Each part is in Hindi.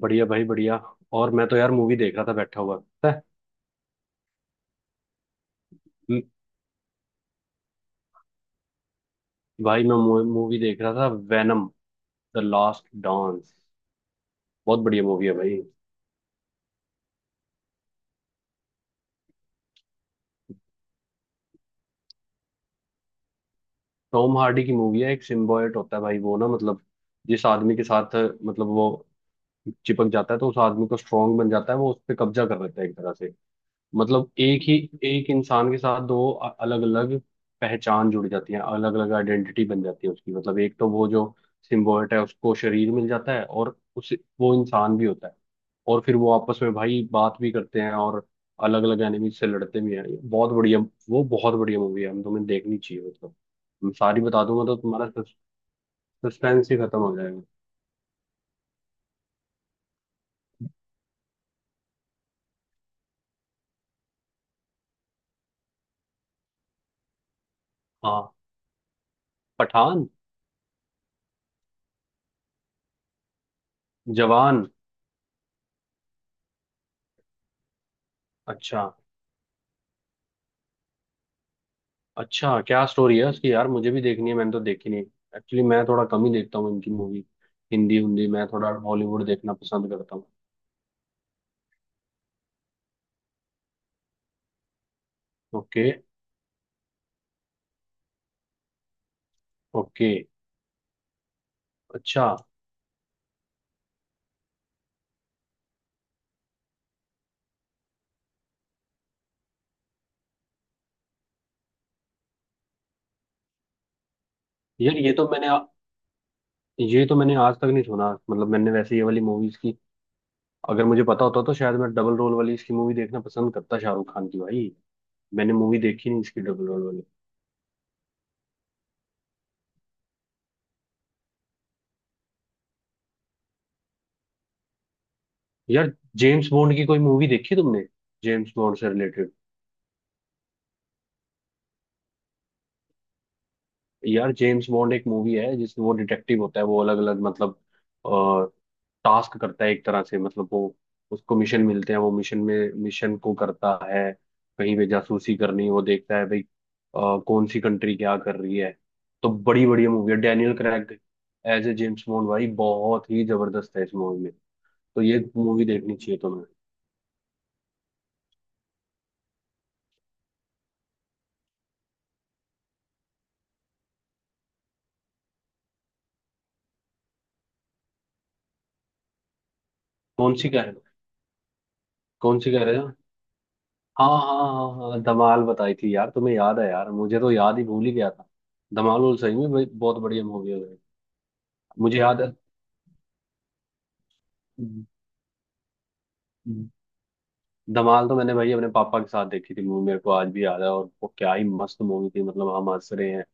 बढ़िया भाई बढ़िया। और मैं तो यार मूवी देख रहा था बैठा हुआ पता है। म- भाई मैं मूवी देख रहा था, वेनम द लास्ट डांस। बहुत बढ़िया मूवी है भाई। टॉम हार्डी की मूवी है, एक सिम्बायोट होता है भाई वो ना मतलब जिस आदमी के साथ मतलब वो चिपक जाता है तो उस आदमी को स्ट्रांग बन जाता है, वो उस पर कब्जा कर लेता है एक तरह से। मतलब एक ही एक इंसान के साथ दो अलग अलग पहचान जुड़ जाती है, अलग अलग आइडेंटिटी बन जाती है उसकी। मतलब एक तो वो जो सिम्बोयट है उसको शरीर मिल जाता है, और उस वो इंसान भी होता है और फिर वो आपस में भाई बात भी करते हैं और अलग अलग एनिमी से लड़ते भी हैं। ये बहुत बढ़िया, वो बहुत बढ़िया मूवी है, हम तुम्हें देखनी चाहिए। मतलब मैं सारी बता दूंगा तो तुम्हारा सस्पेंस ही खत्म हो जाएगा। हाँ। पठान। जवान। अच्छा। अच्छा, क्या स्टोरी है उसकी यार? मुझे भी देखनी है, मैंने तो देखी नहीं। एक्चुअली मैं थोड़ा कम ही देखता हूँ इनकी मूवी। हिंदी हिंदी मैं थोड़ा हॉलीवुड देखना पसंद करता हूँ। ओके। ओके। अच्छा। यार ये तो मैंने आज तक नहीं सुना, मतलब मैंने वैसे ये वाली मूवीज की, अगर मुझे पता होता तो शायद मैं डबल रोल वाली इसकी मूवी देखना पसंद करता शाहरुख खान की भाई। मैंने मूवी देखी नहीं इसकी डबल रोल वाली। यार जेम्स बॉन्ड की कोई मूवी देखी तुमने? जेम्स बॉन्ड से रिलेटेड? यार जेम्स बॉन्ड एक मूवी है जिसमें वो डिटेक्टिव होता है, वो अलग अलग मतलब टास्क करता है एक तरह से। मतलब वो उसको मिशन मिलते हैं, वो मिशन में मिशन को करता है, कहीं पे जासूसी करनी वो देखता है भाई कौन सी कंट्री क्या कर रही है। तो बड़ी बढ़िया मूवी है, Daniel Craig as a James Bond भाई बहुत ही जबरदस्त है इस मूवी में। तो ये मूवी देखनी चाहिए तुम्हें। कौन सी कह रहे हो? कौन सी कह रहे हाँ हाँ हाँ हाँ, धमाल बताई थी यार तुम्हें, याद है यार, मुझे तो याद ही, भूल ही गया था। धमाल उल सही में भाई बहुत बढ़िया मूवी है भाई। मुझे याद है। धमाल तो मैंने भाई अपने पापा के साथ देखी थी मूवी, मेरे को आज भी याद है और वो क्या ही मस्त मूवी थी, मतलब हम हंस रहे हैं।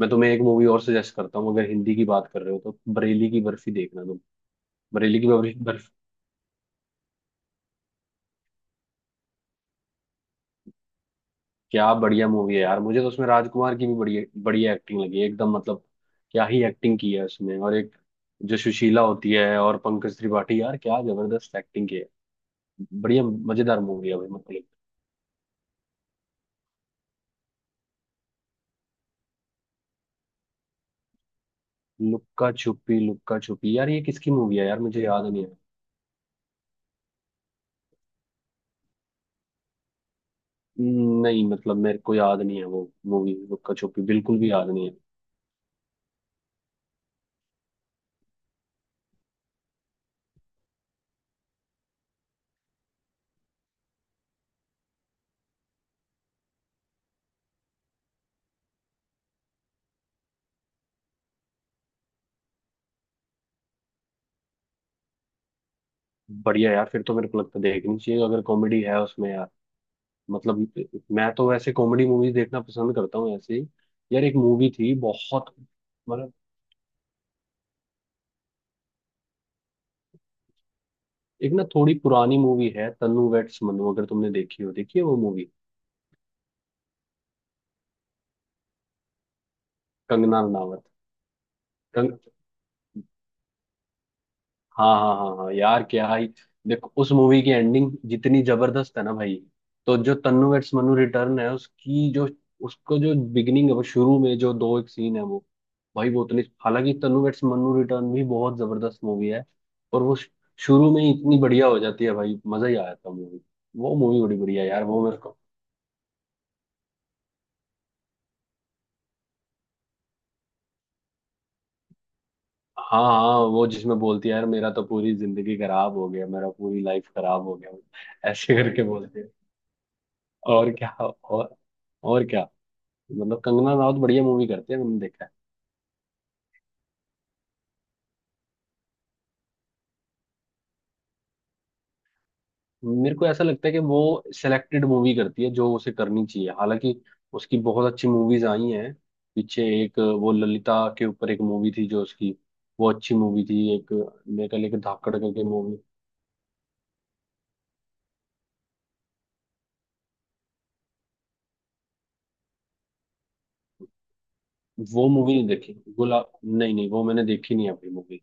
मैं तुम्हें एक मूवी और सजेस्ट करता हूँ, अगर हिंदी की बात कर रहे हो तो बरेली की बर्फी देखना तुम। बरेली की बर्फी, क्या बढ़िया मूवी है यार, मुझे तो उसमें राजकुमार की भी बढ़िया बढ़िया एक्टिंग लगी एकदम, मतलब क्या ही एक्टिंग की है उसमें, और एक जो सुशीला होती है और पंकज त्रिपाठी, यार क्या जबरदस्त एक्टिंग की है। बढ़िया मजेदार मूवी है भाई, मतलब। लुक्का छुपी यार ये किसकी मूवी है यार, मुझे याद नहीं है। नहीं मतलब मेरे को याद नहीं है वो मूवी, लुक्का छुपी बिल्कुल भी याद नहीं है। बढ़िया यार, फिर तो मेरे को लगता है देखनी चाहिए अगर कॉमेडी है उसमें यार। मतलब मैं तो वैसे कॉमेडी मूवीज देखना पसंद करता हूँ ऐसे ही। यार एक मूवी थी बहुत मतलब एक ना थोड़ी पुरानी मूवी है, तन्नू वेड्स मन्नू, अगर तुमने देखी हो, देखी है वो मूवी? कंगना रनावत। हाँ हाँ हाँ हाँ, यार क्या ही, देखो उस मूवी की एंडिंग जितनी जबरदस्त है ना भाई, तो जो तन्नू वेड्स मन्नू रिटर्न है उसकी जो उसको जो बिगिनिंग है वो शुरू में जो दो एक सीन है वो भाई वो उतनी, हालांकि तन्नू वेड्स मन्नू रिटर्न भी बहुत जबरदस्त मूवी है और शुरू में ही इतनी बढ़िया हो जाती है भाई, मजा ही आया था मूवी। वो मूवी बड़ी बढ़िया है यार वो मेरे को। हाँ हाँ वो जिसमें बोलती है यार, मेरा तो पूरी जिंदगी खराब हो गया, मेरा पूरी लाइफ खराब हो गया, ऐसे करके बोलती है। और क्या। और क्या। मतलब कंगना राउत बढ़िया मूवी करती है, मैंने देखा है। मेरे को ऐसा लगता है कि वो सिलेक्टेड मूवी करती है जो उसे करनी चाहिए, हालांकि उसकी बहुत अच्छी मूवीज आई हैं। पीछे एक वो ललिता के ऊपर एक मूवी थी जो उसकी, वो अच्छी मूवी थी एक, मेरे ख्याल एक धाकड़ करके मूवी। वो मूवी नहीं देखी, गुला, नहीं नहीं, वो मैंने देखी नहीं अभी मूवी।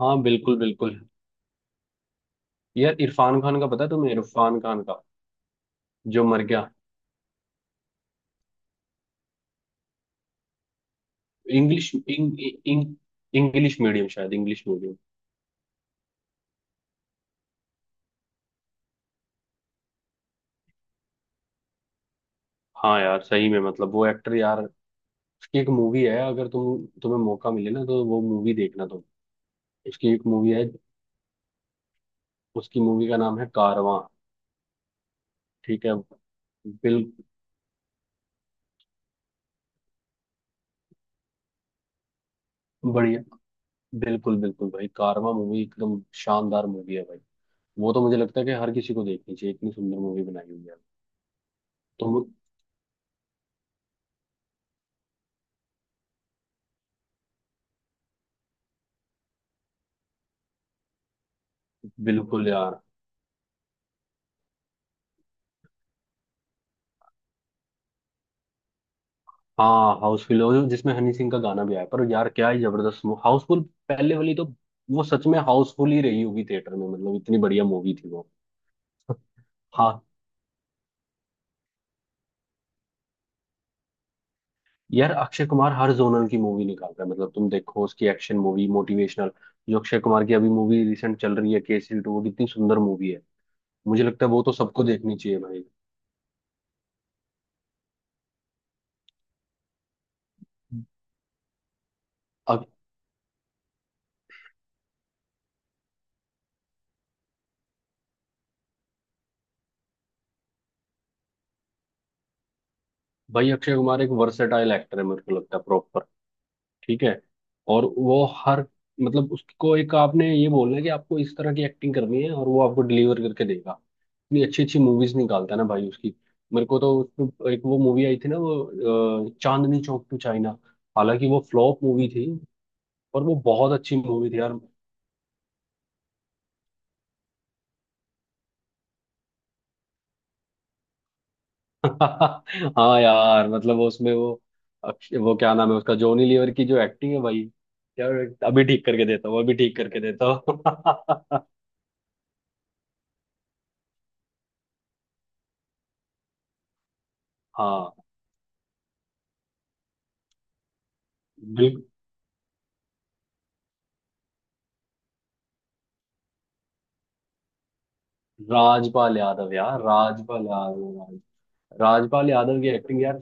हाँ बिल्कुल बिल्कुल। यार इरफान खान का पता है तुम्हें, इरफान खान का जो मर गया? इंग्लिश इंग, इंग, इंग्लिश मीडियम, शायद इंग्लिश मीडियम। हाँ यार सही में, मतलब वो एक्टर यार। उसकी एक मूवी है, अगर तुम्हें मौका मिले ना तो वो मूवी देखना तुम। उसकी एक मूवी है, उसकी मूवी का नाम है कारवां। ठीक है। बिल, बढ़िया। बिल्कुल बिल्कुल भाई, कारवां मूवी एकदम शानदार मूवी है भाई। वो तो मुझे लगता है कि हर किसी को देखनी चाहिए, इतनी सुंदर मूवी बनाई हुई है। तो। बिल्कुल यार। हाँ हाउसफुल, जिसमें हनी सिंह का गाना भी आया, पर यार क्या ही जबरदस्त हाउसफुल, पहले वाली तो वो सच में हाउसफुल ही रही होगी थिएटर में, मतलब इतनी बढ़िया मूवी थी वो। हाँ, यार अक्षय कुमार हर जोनर की मूवी निकाल रहा है, मतलब तुम देखो उसकी एक्शन मूवी, मोटिवेशनल। जो अक्षय कुमार की अभी मूवी रिसेंट चल रही है केसरी टू, वो कितनी सुंदर मूवी है, मुझे लगता है वो तो सबको देखनी चाहिए भाई। अब भाई अक्षय कुमार एक वर्सेटाइल एक्टर है, मेरे को लगता है प्रॉपर। ठीक है। और वो हर, मतलब उसको एक आपने ये बोलना है कि आपको इस तरह की एक्टिंग करनी है और वो आपको डिलीवर करके देगा। इतनी अच्छी अच्छी मूवीज निकालता है ना भाई उसकी। मेरे को तो उसमें एक वो मूवी आई थी ना वो चांदनी चौक टू चाइना, हालांकि वो फ्लॉप मूवी थी और वो बहुत अच्छी मूवी थी यार। हाँ यार, मतलब वो उसमें वो, वो क्या नाम है उसका, जॉनी लीवर की जो एक्टिंग है भाई। यार अभी ठीक करके देता हूँ अभी ठीक करके देता हूँ हाँ। बिल्कुल। राजपाल यादव, यार राजपाल यादव। राजपाल यादव की एक्टिंग यार।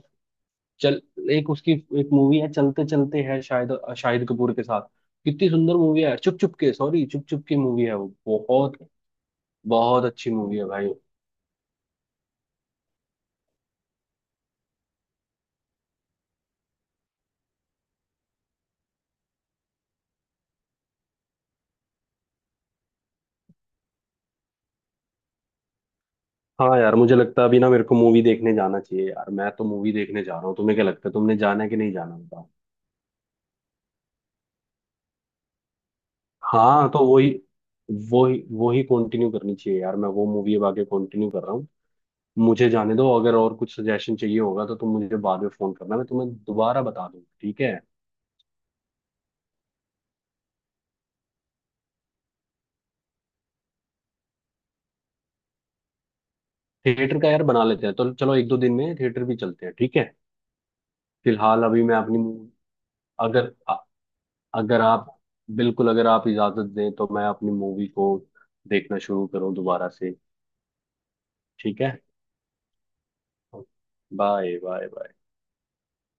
चल, एक उसकी एक मूवी है, चलते चलते है शायद, शाहिद कपूर के साथ। कितनी सुंदर मूवी है चुप चुप के, सॉरी चुप चुप की मूवी है वो। बहुत, बहुत अच्छी मूवी है भाई। हाँ यार मुझे लगता है अभी ना मेरे को मूवी देखने जाना चाहिए यार, मैं तो मूवी देखने जा रहा हूँ, तुम्हें क्या लगता है, तुमने जाना है कि नहीं जाना बताओ। हाँ तो वही, वही कंटिन्यू करनी चाहिए यार, मैं वो मूवी अब आगे कंटिन्यू कर रहा हूँ। मुझे जाने दो, अगर और कुछ सजेशन चाहिए होगा तो तुम मुझे बाद में फोन करना, मैं तुम्हें दोबारा बता दूँ, ठीक है। थिएटर का यार बना लेते हैं तो चलो एक दो दिन में थिएटर भी चलते हैं, ठीक है। फिलहाल अभी मैं अपनी मूवी, अगर अगर आप बिल्कुल, अगर आप इजाजत दें तो मैं अपनी मूवी को देखना शुरू करूँ दोबारा से। ठीक है। Bye bye bye.